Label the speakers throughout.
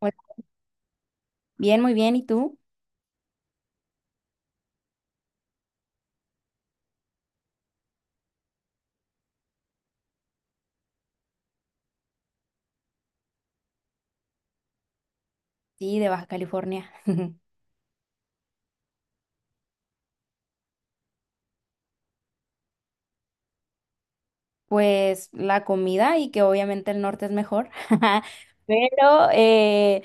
Speaker 1: Hola. Bien, muy bien. ¿Y tú? Sí, de Baja California. Pues la comida y que obviamente el norte es mejor, pero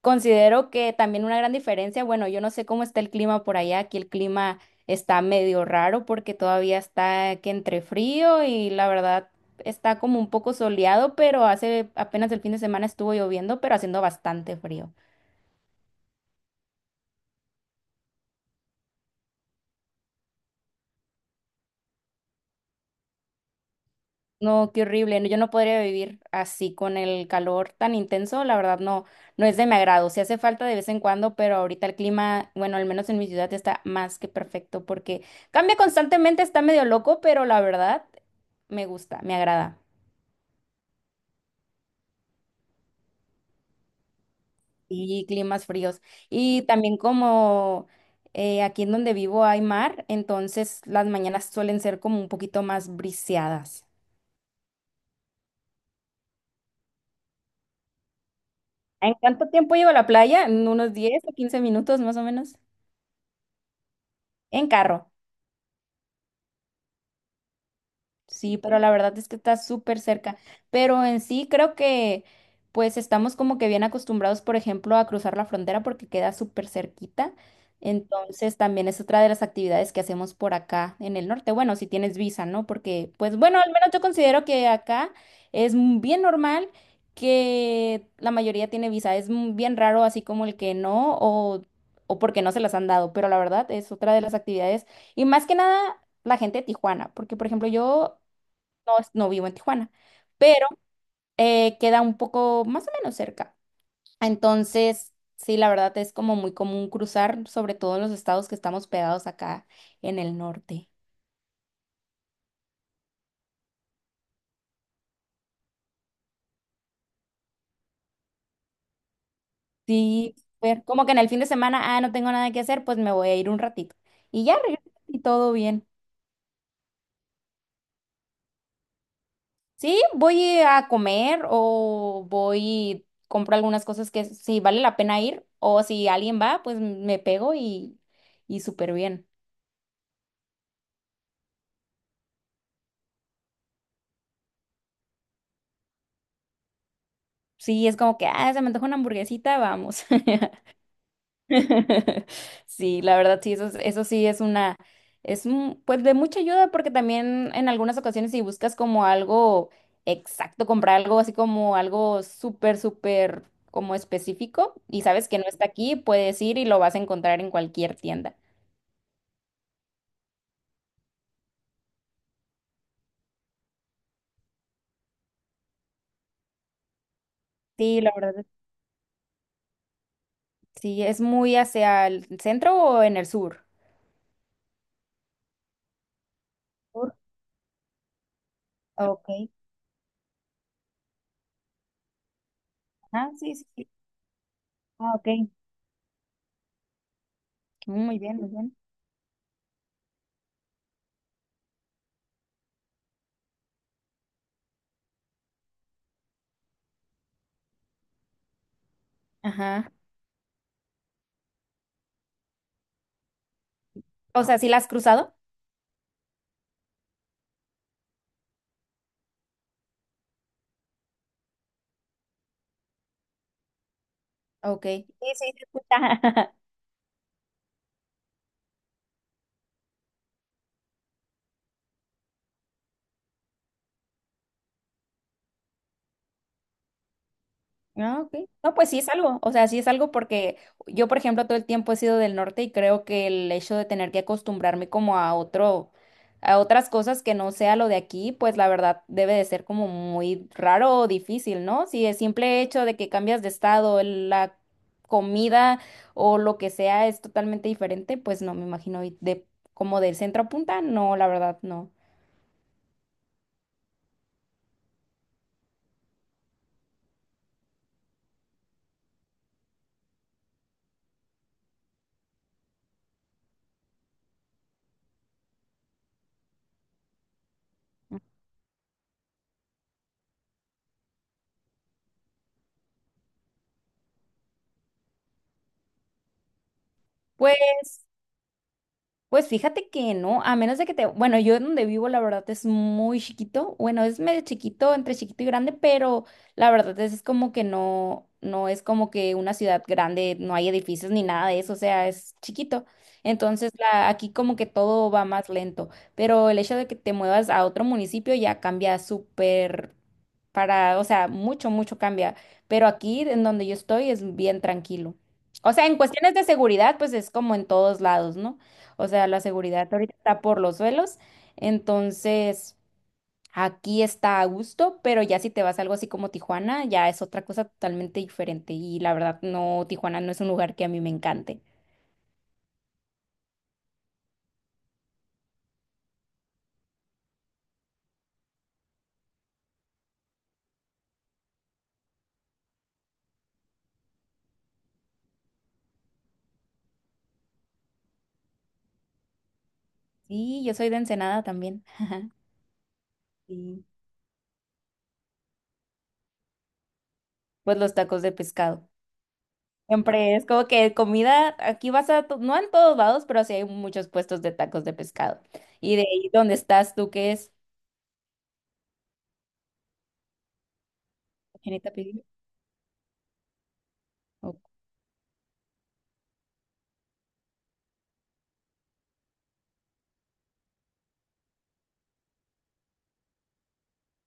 Speaker 1: considero que también una gran diferencia, bueno, yo no sé cómo está el clima por allá, aquí el clima está medio raro porque todavía está que entre frío y la verdad está como un poco soleado, pero hace apenas el fin de semana estuvo lloviendo, pero haciendo bastante frío. No, qué horrible. No, yo no podría vivir así con el calor tan intenso. La verdad, no, no es de mi agrado. Sí hace falta de vez en cuando, pero ahorita el clima, bueno, al menos en mi ciudad está más que perfecto porque cambia constantemente, está medio loco, pero la verdad me gusta, me agrada. Y climas fríos. Y también como aquí en donde vivo hay mar, entonces las mañanas suelen ser como un poquito más briseadas. ¿En cuánto tiempo llevo a la playa? En unos 10 o 15 minutos más o menos. En carro. Sí, pero la verdad es que está súper cerca. Pero en sí creo que pues estamos como que bien acostumbrados, por ejemplo, a cruzar la frontera porque queda súper cerquita. Entonces también es otra de las actividades que hacemos por acá en el norte. Bueno, si tienes visa, ¿no? Porque pues bueno, al menos yo considero que acá es bien normal que la mayoría tiene visa. Es bien raro así como el que no o porque no se las han dado. Pero la verdad es otra de las actividades. Y más que nada la gente de Tijuana, porque por ejemplo yo no, no vivo en Tijuana, pero queda un poco más o menos cerca. Entonces, sí, la verdad es como muy común cruzar, sobre todo en los estados que estamos pegados acá en el norte. Sí, ver, como que en el fin de semana, ah, no tengo nada que hacer, pues me voy a ir un ratito. Y ya regreso y todo bien. Sí, voy a comer o voy, compro algunas cosas que sí vale la pena ir, o si alguien va, pues me pego y súper bien. Sí, es como que, ah, se me antoja una hamburguesita, vamos. Sí, la verdad, sí, eso, eso sí es una, pues de mucha ayuda porque también en algunas ocasiones si buscas como algo exacto, comprar algo así como algo súper, súper como específico y sabes que no está aquí, puedes ir y lo vas a encontrar en cualquier tienda. Sí, la verdad, sí, es muy hacia el centro o en el sur. Sur, ok. Ah, sí, sí, sí. Ah, ok. Mm, muy bien, muy bien. Ajá. O sea, ¿sí la has cruzado? Ok. Sí, sí, se escucha. Ah, ok. No, pues sí es algo. O sea, sí es algo porque yo, por ejemplo, todo el tiempo he sido del norte y creo que el hecho de tener que acostumbrarme como a otro, a otras cosas que no sea lo de aquí, pues la verdad debe de ser como muy raro o difícil, ¿no? Si el simple hecho de que cambias de estado, la comida o lo que sea es totalmente diferente, pues no me imagino y de como del centro a punta, no, la verdad no. Pues Pues fíjate que no, a menos de que te, bueno, yo donde vivo la verdad es muy chiquito, bueno, es medio chiquito, entre chiquito y grande, pero la verdad es como que no, no es como que una ciudad grande, no hay edificios ni nada de eso, o sea, es chiquito. Entonces, la, aquí como que todo va más lento, pero el hecho de que te muevas a otro municipio ya cambia súper para, o sea, mucho, mucho cambia, pero aquí en donde yo estoy es bien tranquilo. O sea, en cuestiones de seguridad, pues es como en todos lados, ¿no? O sea, la seguridad ahorita está por los suelos. Entonces, aquí está a gusto, pero ya si te vas a algo así como Tijuana, ya es otra cosa totalmente diferente. Y la verdad, no, Tijuana no es un lugar que a mí me encante. Sí, yo soy de Ensenada también. Sí. Pues los tacos de pescado. Siempre es como que comida, aquí vas a, no en todos lados, pero sí hay muchos puestos de tacos de pescado. ¿Y de ahí dónde estás tú? ¿Qué es? ¿Genita pibil?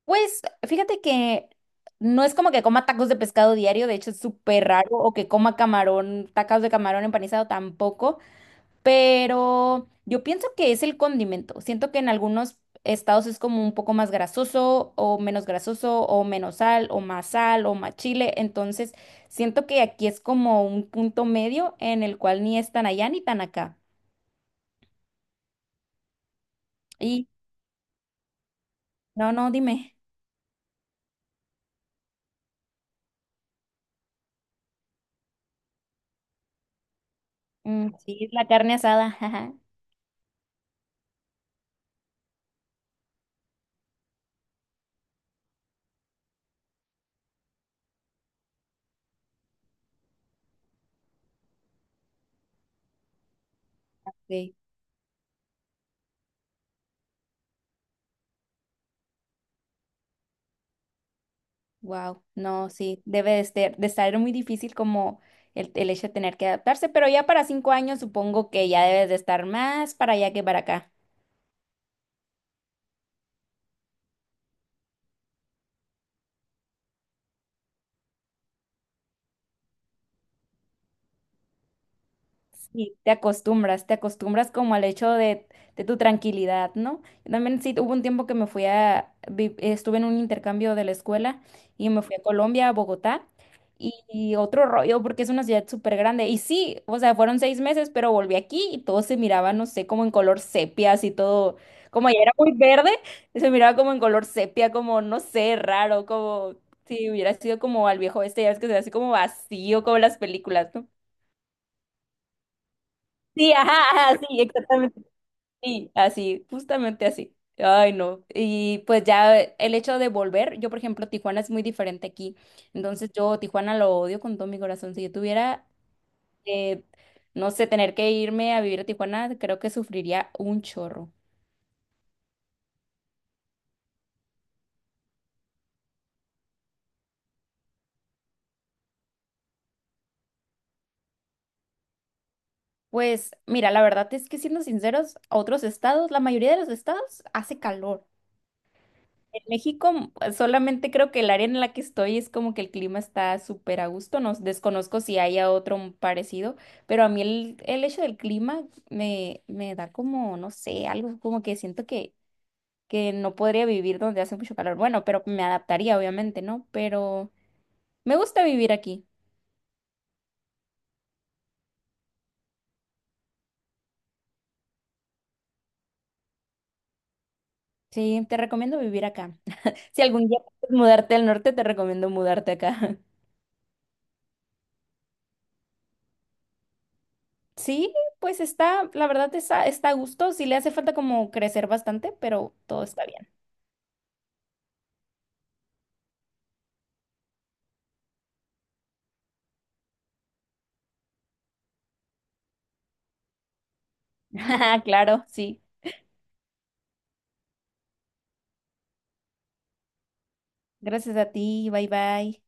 Speaker 1: Pues fíjate que no es como que coma tacos de pescado diario, de hecho es súper raro, o que coma camarón, tacos de camarón empanizado tampoco, pero yo pienso que es el condimento. Siento que en algunos estados es como un poco más grasoso o menos sal o más chile, entonces siento que aquí es como un punto medio en el cual ni es tan allá ni tan acá. Y no, no, dime. Mm, sí, la carne asada, ajá. Sí. Wow, no, sí, debe de ser, de estar muy difícil como el hecho de tener que adaptarse, pero ya para 5 años supongo que ya debes de estar más para allá que para acá. Sí, te acostumbras como al hecho de tu tranquilidad, ¿no? Yo también sí, hubo un tiempo que me fui a, estuve en un intercambio de la escuela y me fui a Colombia, a Bogotá, y otro rollo porque es una ciudad súper grande. Y sí, o sea, fueron 6 meses, pero volví aquí y todo se miraba, no sé, como en color sepia, así todo, como ya era muy verde, se miraba como en color sepia, como, no sé, raro, como si hubiera sido como al viejo este, ya ves que se ve así como vacío, como las películas, ¿no? Sí, ajá, ajá, sí, exactamente. Sí, así, justamente así. Ay, no. Y pues ya el hecho de volver, yo por ejemplo, Tijuana es muy diferente aquí. Entonces yo Tijuana lo odio con todo mi corazón. Si yo tuviera, eh, no sé, tener que irme a vivir a Tijuana, creo que sufriría un chorro. Pues mira, la verdad es que siendo sinceros, a otros estados, la mayoría de los estados hace calor. México, pues, solamente creo que el área en la que estoy es como que el clima está súper a gusto. No desconozco si haya otro parecido, pero a mí el hecho del clima me da como, no sé, algo como que siento que no podría vivir donde hace mucho calor. Bueno, pero me adaptaría, obviamente, ¿no? Pero me gusta vivir aquí. Sí, te recomiendo vivir acá. Si algún día quieres mudarte al norte, te recomiendo mudarte acá. Sí, pues está, la verdad está a gusto. Sí le hace falta como crecer bastante, pero todo está bien. Claro, sí. Gracias a ti. Bye bye.